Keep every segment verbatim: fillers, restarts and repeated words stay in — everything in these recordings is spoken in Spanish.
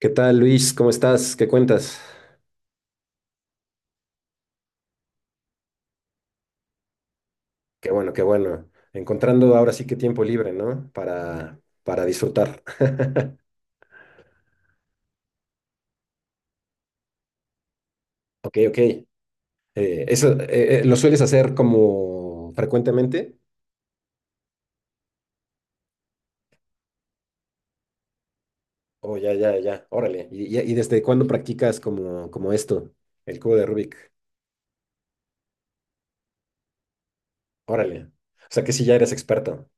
¿Qué tal, Luis? ¿Cómo estás? ¿Qué cuentas? Qué bueno, qué bueno. Encontrando ahora sí que tiempo libre, ¿no? Para, para disfrutar. Ok, ok. Eh, eso, eh, eh, ¿lo sueles hacer como frecuentemente? Oh, ya, ya, ya. Órale. ¿Y, y- y desde cuándo practicas como, como esto, el cubo de Rubik? Órale. O sea que sí ya eres experto.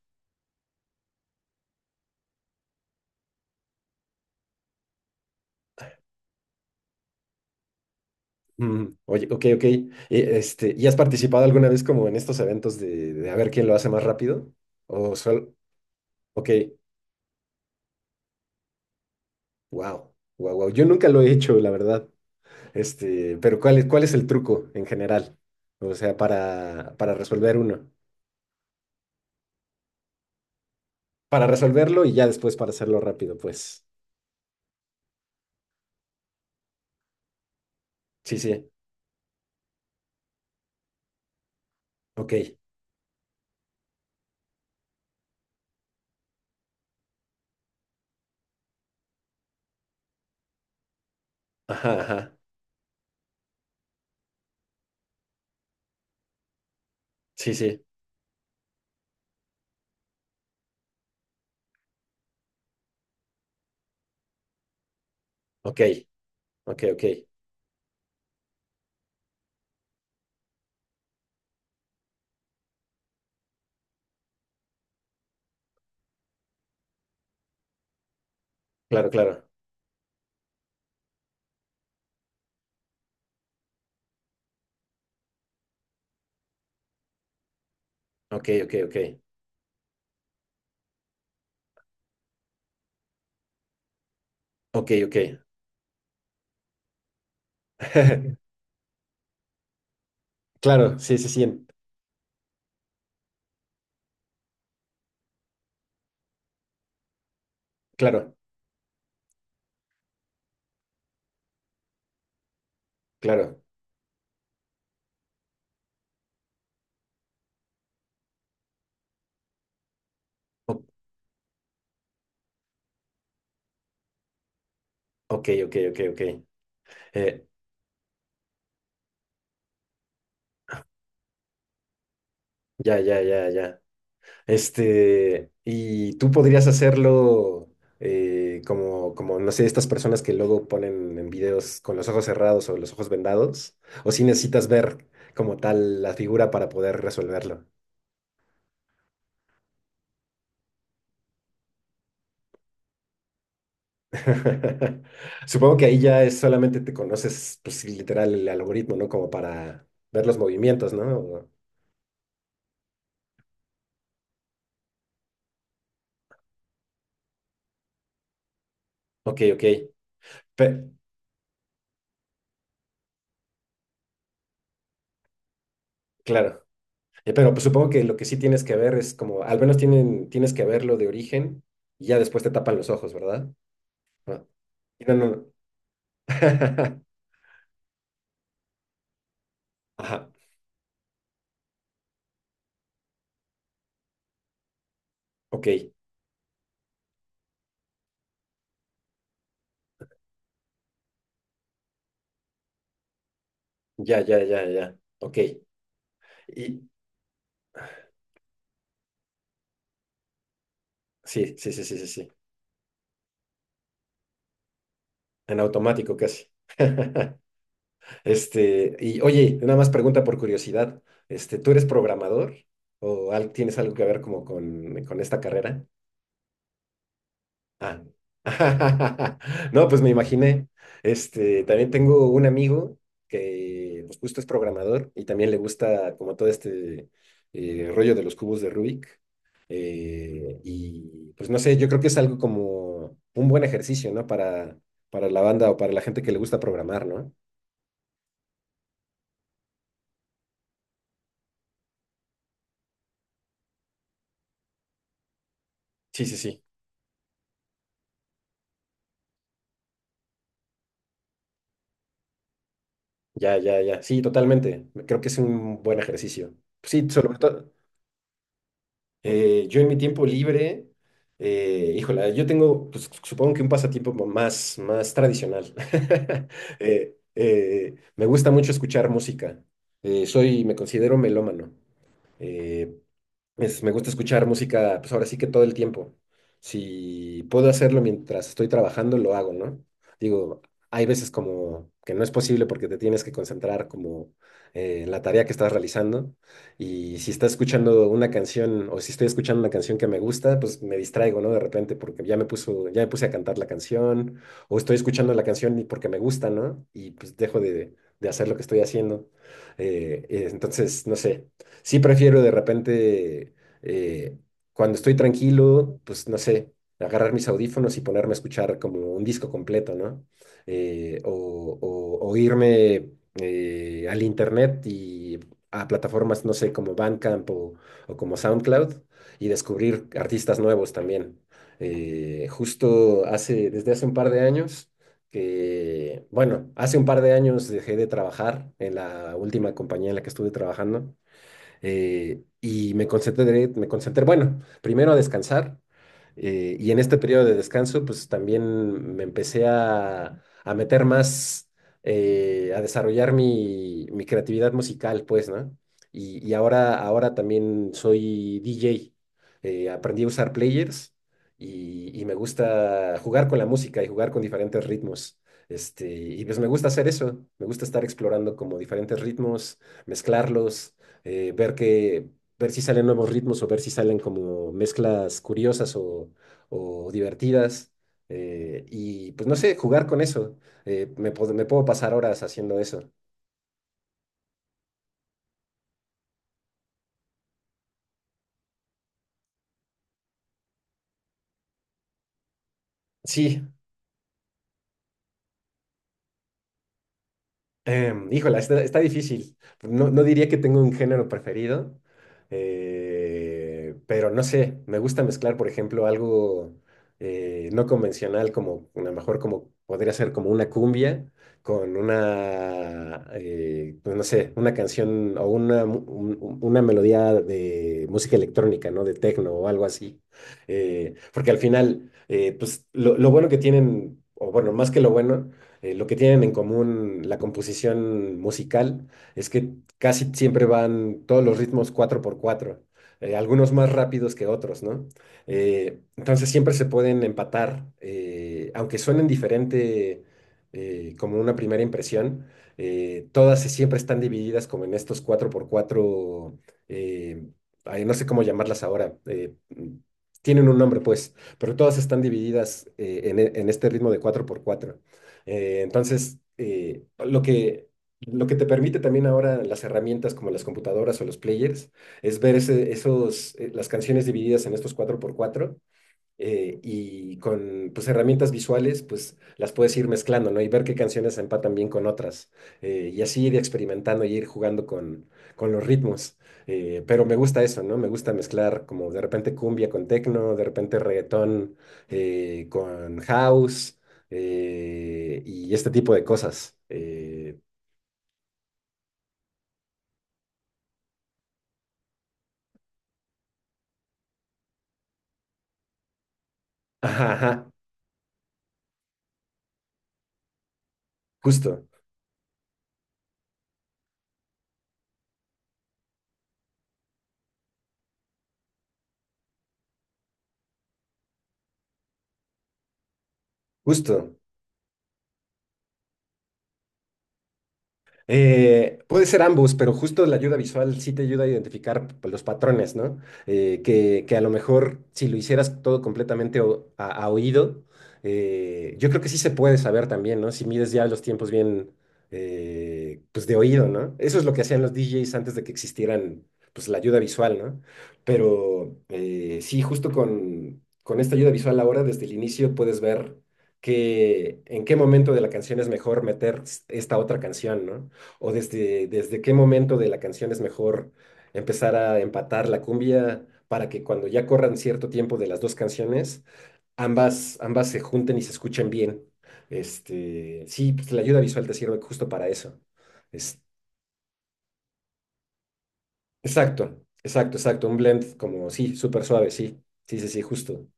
Mm. Oye, ok, ok. Y, este, ¿y has participado alguna vez como en estos eventos de, de a ver quién lo hace más rápido? O solo, ok. Wow, wow, wow. Yo nunca lo he hecho, la verdad. Este, pero ¿cuál es, cuál es el truco en general? O sea, para, para resolver uno. Para resolverlo y ya después para hacerlo rápido, pues. Sí, sí. Ok. Ajá, ajá. Sí, sí. Ok. Ok, ok. Claro, claro. Ok, ok, ok. Ok, ok. Claro, sí, sí, sí. en- Claro, claro. O- ok, ok, ok, ok. Eh, ya, ya, ya, ya. Este, y tú podrías hacerlo eh, como, como, no sé, estas personas que luego ponen en videos con los ojos cerrados o los ojos vendados, o si necesitas ver como tal la figura para poder resolverlo. Supongo que ahí ya es solamente te conoces, pues literal, el algoritmo, ¿no? Como para ver los movimientos, ¿no? O- Ok, ok. Pe- claro. Eh, Pero pues, supongo que lo que sí tienes que ver es como, al menos tienen, tienes que verlo de origen y ya después te tapan los ojos, ¿verdad? Ah. No, no, no. Ajá. Ok. Ya, ya, ya, ya. Ok. Y sí, sí, sí, sí, sí, sí. En automático casi. Este, y oye, nada más pregunta por curiosidad. Este, ¿tú eres programador? ¿O al- tienes algo que ver como con, con esta carrera? Ah. No, pues me imaginé. Este, también tengo un amigo que pues, justo es programador y también le gusta como todo este eh, rollo de los cubos de Rubik. Eh, y pues no sé, yo creo que es algo como un buen ejercicio, ¿no? Para, para la banda o para la gente que le gusta programar, ¿no? Sí, sí, sí. Ya, ya, ya. Sí, totalmente. Creo que es un buen ejercicio. Sí, sobre todo. Eh, yo en mi tiempo libre, eh, híjola, yo tengo, pues, supongo que un pasatiempo mo- más, más tradicional. Eh, eh, me gusta mucho escuchar música. Eh, soy, me considero melómano. Eh, es, me gusta escuchar música, pues ahora sí que todo el tiempo. Si puedo hacerlo mientras estoy trabajando, lo hago, ¿no? Digo, hay veces como que no es posible porque te tienes que concentrar como eh, en la tarea que estás realizando. Y si estás escuchando una canción o si estoy escuchando una canción que me gusta, pues me distraigo, ¿no? De repente porque ya me puso, ya me puse a cantar la canción o estoy escuchando la canción y porque me gusta, ¿no? Y pues dejo de, de hacer lo que estoy haciendo. Eh, eh, entonces, no sé sí prefiero de repente, eh, cuando estoy tranquilo, pues no sé, agarrar mis audífonos y ponerme a escuchar como un disco completo, ¿no? Eh, o, o- o irme eh, al internet y a plataformas, no sé, como Bandcamp o, o como SoundCloud y descubrir artistas nuevos también. Eh, justo hace, desde hace un par de años que, bueno, hace un par de años dejé de trabajar en la última compañía en la que estuve trabajando eh, y me concentré, me concentré, bueno, primero a descansar eh, y en este periodo de descanso pues también me empecé a, a meter más, eh, a desarrollar mi, mi creatividad musical pues, ¿no? Y, y ahora, ahora también soy D J, eh, aprendí a usar players y, y me gusta jugar con la música y jugar con diferentes ritmos. Este, y pues me gusta hacer eso, me gusta estar explorando como diferentes ritmos, mezclarlos eh, ver que, ver si salen nuevos ritmos o ver si salen como mezclas curiosas o, o divertidas. Eh, y pues no sé, jugar con eso. Eh, me, pod- me puedo pasar horas haciendo eso. Sí, Em, híjola, está, está difícil. No, no diría que tengo un género preferido, eh, pero no sé, me gusta mezclar, por ejemplo, algo eh, no convencional, como a lo mejor como podría ser como una cumbia, con una, eh, pues no sé, una canción o una, mu- un- un- una melodía de música electrónica, ¿no? De techno o algo así. Eh, porque al final, eh, pues lo, lo bueno que tienen, o bueno, más que lo bueno eh, lo que tienen en común la composición musical es que casi siempre van todos los ritmos cuatro por cuatro, eh, algunos más rápidos que otros, ¿no? Eh, entonces siempre se pueden empatar, eh, aunque suenen diferente eh, como una primera impresión, eh, todas se- siempre están divididas como en estos cuatro por cuatro, eh, ay, no sé cómo llamarlas ahora. Eh, mm, tienen un nombre, pues, pero todas están divididas eh, en, e- en este ritmo de cuatro por cuatro. Eh, entonces, eh, lo que, lo que te permite también ahora las herramientas como las computadoras o los players es ver ese, esos, eh, las canciones divididas en estos cuatro por cuatro eh, y con pues, herramientas visuales, pues las puedes ir mezclando, ¿no? Y ver qué canciones empatan bien con otras. Eh, y así ir experimentando y ir jugando con, con los ritmos. Eh, pero me gusta eso, ¿no? Me gusta mezclar como de repente cumbia con techno, de repente reggaetón eh, con house eh, y este tipo de cosas. Eh, ajá, ajá, justo, justo. Eh, puede ser ambos, pero justo la ayuda visual sí te ayuda a identificar pues, los patrones, ¿no? Eh, que, que a lo mejor si lo hicieras todo completamente o- a, a oído, eh, yo creo que sí se puede saber también, ¿no? Si mides ya los tiempos bien, eh, pues de oído, ¿no? Eso es lo que hacían los D Js antes de que existieran, pues la ayuda visual, ¿no? Pero eh, sí, justo con, con esta ayuda visual ahora, desde el inicio puedes ver que en qué momento de la canción es mejor meter s- esta otra canción, ¿no? O desde, desde qué momento de la canción es mejor empezar a empatar la cumbia para que cuando ya corran cierto tiempo de las dos canciones, ambas, ambas se junten y se escuchen bien. Este, sí, pues la ayuda visual te sirve justo para eso. Es, exacto, exacto, exacto. Un blend como, sí, súper suave, sí, sí, sí, sí, justo.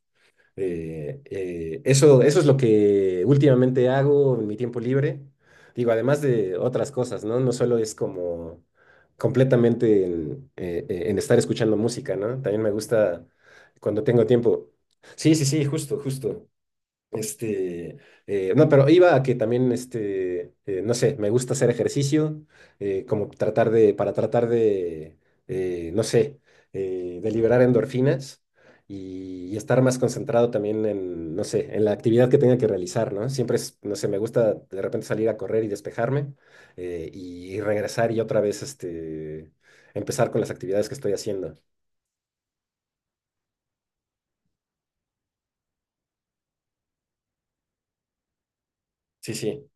Eh, eh, eso, eso es lo que últimamente hago en mi tiempo libre. Digo, además de otras cosas, ¿no? No solo es como completamente en, eh, eh, en estar escuchando música, ¿no? También me gusta cuando tengo tiempo. Sí, sí, sí, justo, justo. Este, eh, no, pero iba a que también, este, eh, no sé, me gusta hacer ejercicio, eh, como tratar de, para tratar de, eh, no sé, eh, de liberar endorfinas y, y estar más concentrado también en, no sé, en la actividad que tenga que realizar, ¿no? Siempre es, no sé, me gusta de repente salir a correr y despejarme eh, y y regresar y otra vez, este, empezar con las actividades que estoy haciendo. Sí, sí.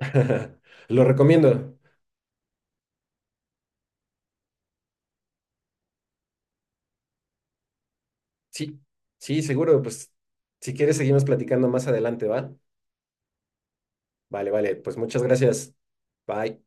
Lo recomiendo. Sí, sí, seguro. Pues si quieres, seguimos platicando más adelante, ¿va? Vale, vale. Pues muchas gracias. Bye.